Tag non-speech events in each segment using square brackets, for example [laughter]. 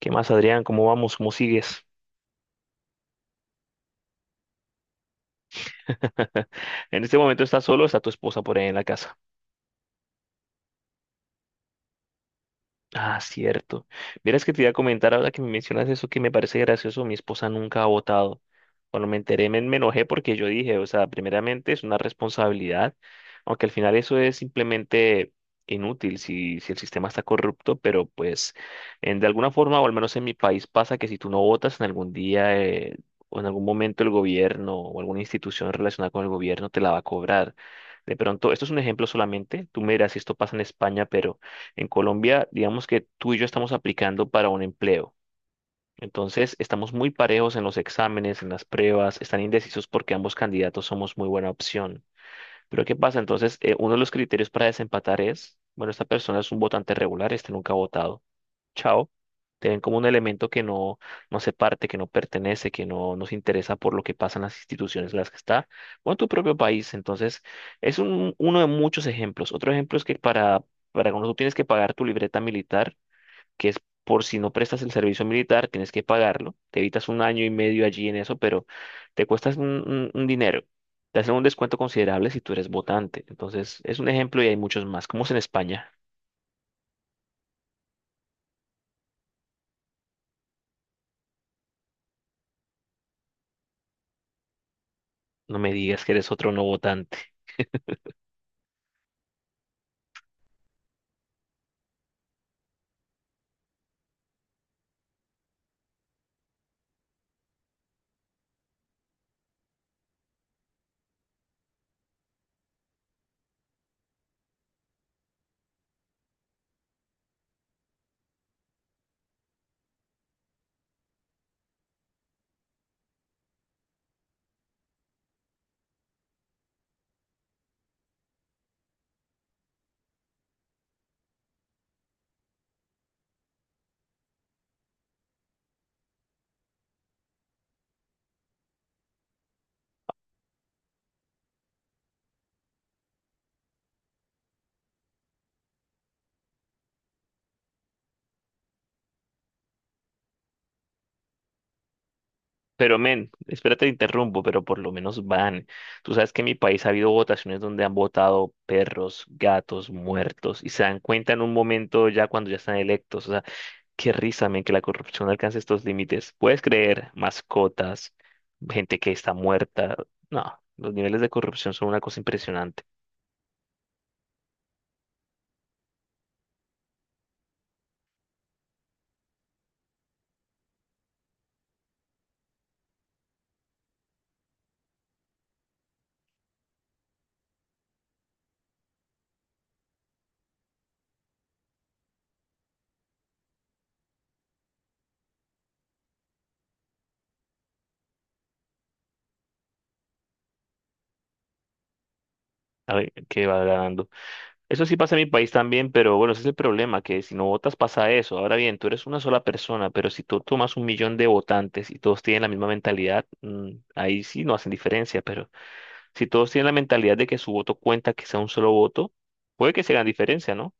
¿Qué más, Adrián? ¿Cómo vamos? ¿Cómo sigues? [laughs] En este momento estás solo, o está tu esposa por ahí en la casa. Ah, cierto. Verás que te iba a comentar ahora que me mencionas eso que me parece gracioso, mi esposa nunca ha votado. Cuando me enteré me enojé porque yo dije, o sea, primeramente es una responsabilidad, aunque al final eso es simplemente inútil si el sistema está corrupto, pero pues en, de alguna forma, o al menos en mi país pasa que si tú no votas en algún día o en algún momento el gobierno o alguna institución relacionada con el gobierno te la va a cobrar. De pronto, esto es un ejemplo solamente, tú me dirás si esto pasa en España, pero En Colombia, digamos que tú y yo estamos aplicando para un empleo. Entonces, estamos muy parejos en los exámenes, en las pruebas, están indecisos porque ambos candidatos somos muy buena opción. Pero ¿qué pasa? Entonces, uno de los criterios para desempatar es, bueno, esta persona es un votante regular, este nunca ha votado chao. Te ven como un elemento que no, no se parte, que no pertenece, que no nos interesa por lo que pasa en las instituciones en las que está, o en tu propio país. Entonces, es uno de muchos ejemplos. Otro ejemplo es que para cuando tú tienes que pagar tu libreta militar, que es por si no prestas el servicio militar, tienes que pagarlo. Te evitas un año y medio allí en eso, pero te cuestas un dinero. Te hacen un descuento considerable si tú eres votante. Entonces, es un ejemplo y hay muchos más, como es en España. No me digas que eres otro no votante. Pero men, espérate, te interrumpo, pero por lo menos van. Tú sabes que en mi país ha habido votaciones donde han votado perros, gatos, muertos, y se dan cuenta en un momento ya cuando ya están electos. O sea, qué risa, men, que la corrupción alcance estos límites. ¿Puedes creer? Mascotas, gente que está muerta. No, los niveles de corrupción son una cosa impresionante. A ver, qué va ganando. Eso sí pasa en mi país también, pero bueno, ese es el problema, que si no votas pasa eso. Ahora bien, tú eres una sola persona, pero si tú tomas un millón de votantes y todos tienen la misma mentalidad, mm, ahí sí no hacen diferencia, pero si todos tienen la mentalidad de que su voto cuenta, que sea un solo voto, puede que se hagan diferencia, ¿no?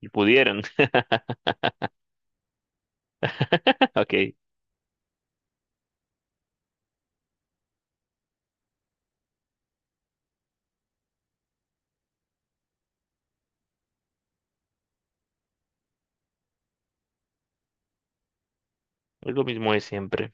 Y pudieran. [laughs] Ok, es lo mismo de siempre.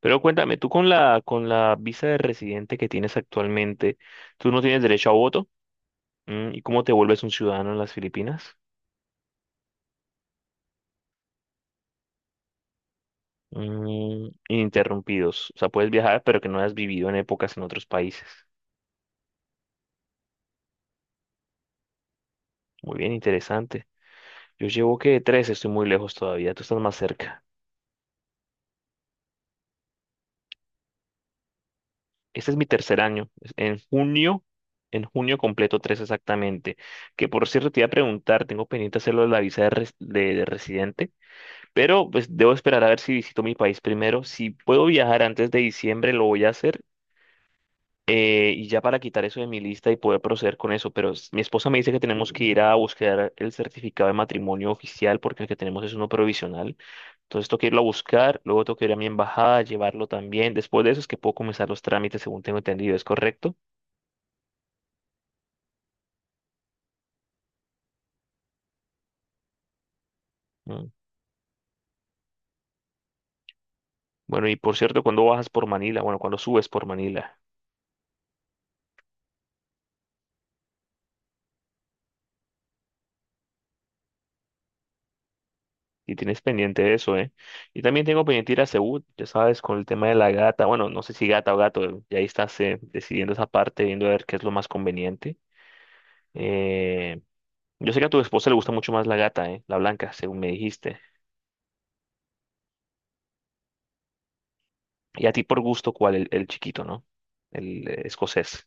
Pero cuéntame, tú con la visa de residente que tienes actualmente, ¿tú no tienes derecho a voto? Mm, ¿y cómo te vuelves un ciudadano en las Filipinas? Mm, ininterrumpidos. O sea, puedes viajar, pero que no has vivido en épocas en otros países. Muy bien, interesante. Yo llevo que tres, estoy muy lejos todavía. Tú estás más cerca. Este es mi tercer año. En junio completo tres exactamente. Que por cierto, te iba a preguntar, tengo pendiente hacerlo de la visa de residente, pero pues debo esperar a ver si visito mi país primero. Si puedo viajar antes de diciembre, lo voy a hacer. Y ya para quitar eso de mi lista y poder proceder con eso, pero mi esposa me dice que tenemos que ir a buscar el certificado de matrimonio oficial porque el que tenemos es uno provisional. Entonces tengo que irlo a buscar, luego tengo que ir a mi embajada, llevarlo también. Después de eso es que puedo comenzar los trámites, según tengo entendido, ¿es correcto? Mm. Bueno, y por cierto, cuando bajas por Manila, bueno, cuando subes por Manila, y tienes pendiente eso, ¿eh? Y también tengo pendiente ir a Seúl, ya sabes, con el tema de la gata, bueno, no sé si gata o gato, y ahí estás decidiendo esa parte, viendo a ver qué es lo más conveniente. Eh, Yo sé que a tu esposa le gusta mucho más la gata, ¿eh? La blanca, según me dijiste. Y a ti por gusto, ¿cuál? El chiquito, ¿no? El escocés.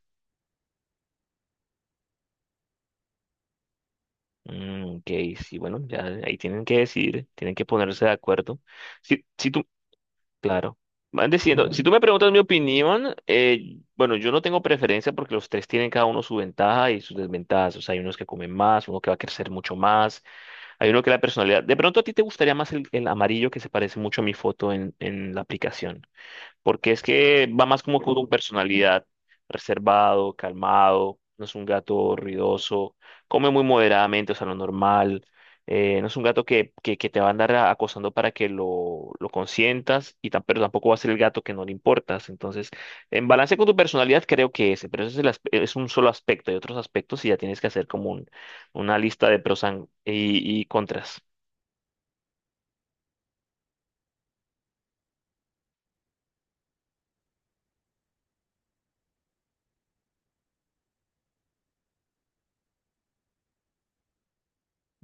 Mm, ok, sí, bueno, ya ahí tienen que decidir, tienen que ponerse de acuerdo. Si, si tú, claro, van decidiendo. Si tú me preguntas mi opinión, bueno, yo no tengo preferencia porque los tres tienen cada uno su ventaja y sus desventajas. O sea, hay unos que comen más, uno que va a crecer mucho más, hay uno que la personalidad. De pronto a ti te gustaría más el amarillo que se parece mucho a mi foto en la aplicación. Porque es que va más como con tu personalidad, reservado, calmado, no es un gato ruidoso, come muy moderadamente, o sea, lo normal, no es un gato que te va a andar acosando para que lo consientas, y pero tampoco va a ser el gato que no le importas, entonces, en balance con tu personalidad creo que ese, pero ese es, es un solo aspecto, hay otros aspectos y ya tienes que hacer como una lista de y contras,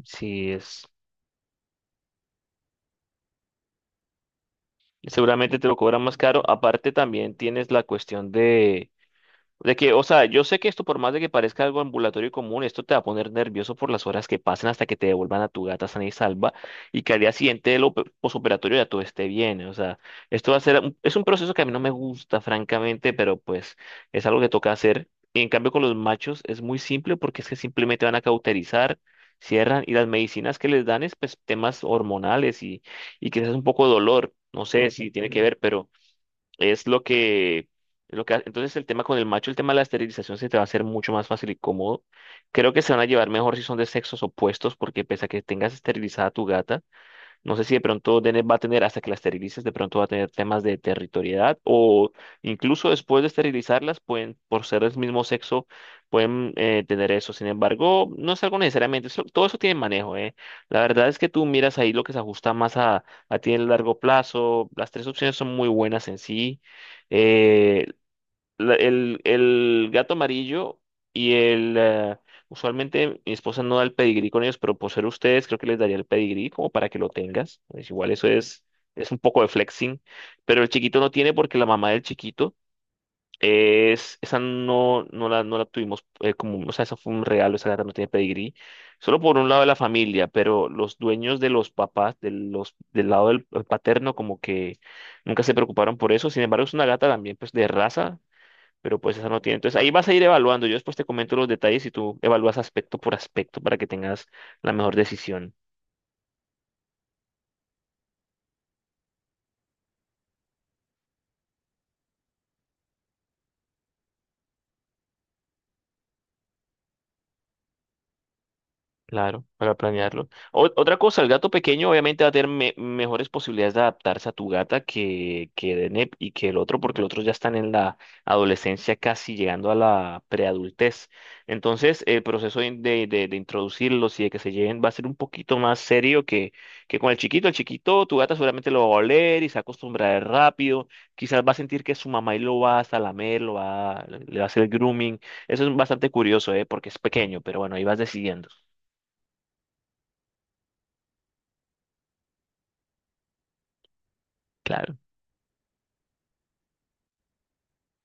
si es. Seguramente te lo cobran más caro. Aparte, también tienes la cuestión de que, o sea, yo sé que esto, por más de que parezca algo ambulatorio y común, esto te va a poner nervioso por las horas que pasen hasta que te devuelvan a tu gata sana y salva y que al día siguiente del posoperatorio ya todo esté bien. O sea, esto va a ser, es un proceso que a mí no me gusta, francamente, pero pues es algo que toca hacer. Y en cambio con los machos es muy simple porque es que simplemente van a cauterizar, cierran y las medicinas que les dan es pues temas hormonales y quizás un poco de dolor. No sé si tiene que ver, es lo que, entonces el tema con el macho, el tema de la esterilización se te va a hacer mucho más fácil y cómodo. Creo que se van a llevar mejor si son de sexos opuestos, porque pese a que tengas esterilizada a tu gata, no sé si de pronto Deneb va a tener, hasta que las esterilices, de pronto va a tener temas de territorialidad o incluso después de esterilizarlas, pueden, por ser del mismo sexo, pueden tener eso. Sin embargo, no es algo necesariamente, todo eso tiene manejo, ¿eh? La verdad es que tú miras ahí lo que se ajusta más a ti en el largo plazo. Las tres opciones son muy buenas en sí. Eh, el gato amarillo y el... eh, usualmente mi esposa no da el pedigrí con ellos, pero por ser ustedes creo que les daría el pedigrí como para que lo tengas. Pues igual eso es un poco de flexing, pero el chiquito no tiene porque la mamá del chiquito Esa no la tuvimos como... O sea, eso fue un regalo, esa gata no tiene pedigrí. Solo por un lado de la familia, pero los dueños de los papás, del lado del paterno como que nunca se preocuparon por eso. Sin embargo, es una gata también pues de raza pero pues esa no tiene. Entonces ahí vas a ir evaluando. Yo después te comento los detalles y tú evalúas aspecto por aspecto para que tengas la mejor decisión. Claro, para planearlo. Otra cosa, el gato pequeño obviamente va a tener mejores posibilidades de adaptarse a tu gata que Deneb y que el otro, porque el otro ya están en la adolescencia casi llegando a la preadultez. Entonces, el proceso de introducirlos y de que se lleven va a ser un poquito más serio que con el chiquito. El chiquito, tu gata seguramente lo va a oler y se va a acostumbrar rápido. Quizás va a sentir que su mamá y lo va hasta lamer, le va a hacer el grooming. Eso es bastante curioso, ¿eh? Porque es pequeño, pero bueno, ahí vas decidiendo. Claro.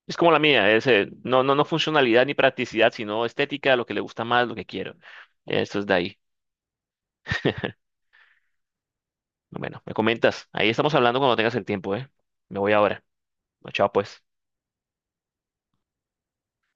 Es como la mía, es, no, no, no funcionalidad ni practicidad, sino estética, lo que le gusta más, lo que quiero. Esto es de ahí. [laughs] Bueno, me comentas. Ahí estamos hablando cuando tengas el tiempo, ¿eh? Me voy ahora. Chao, pues.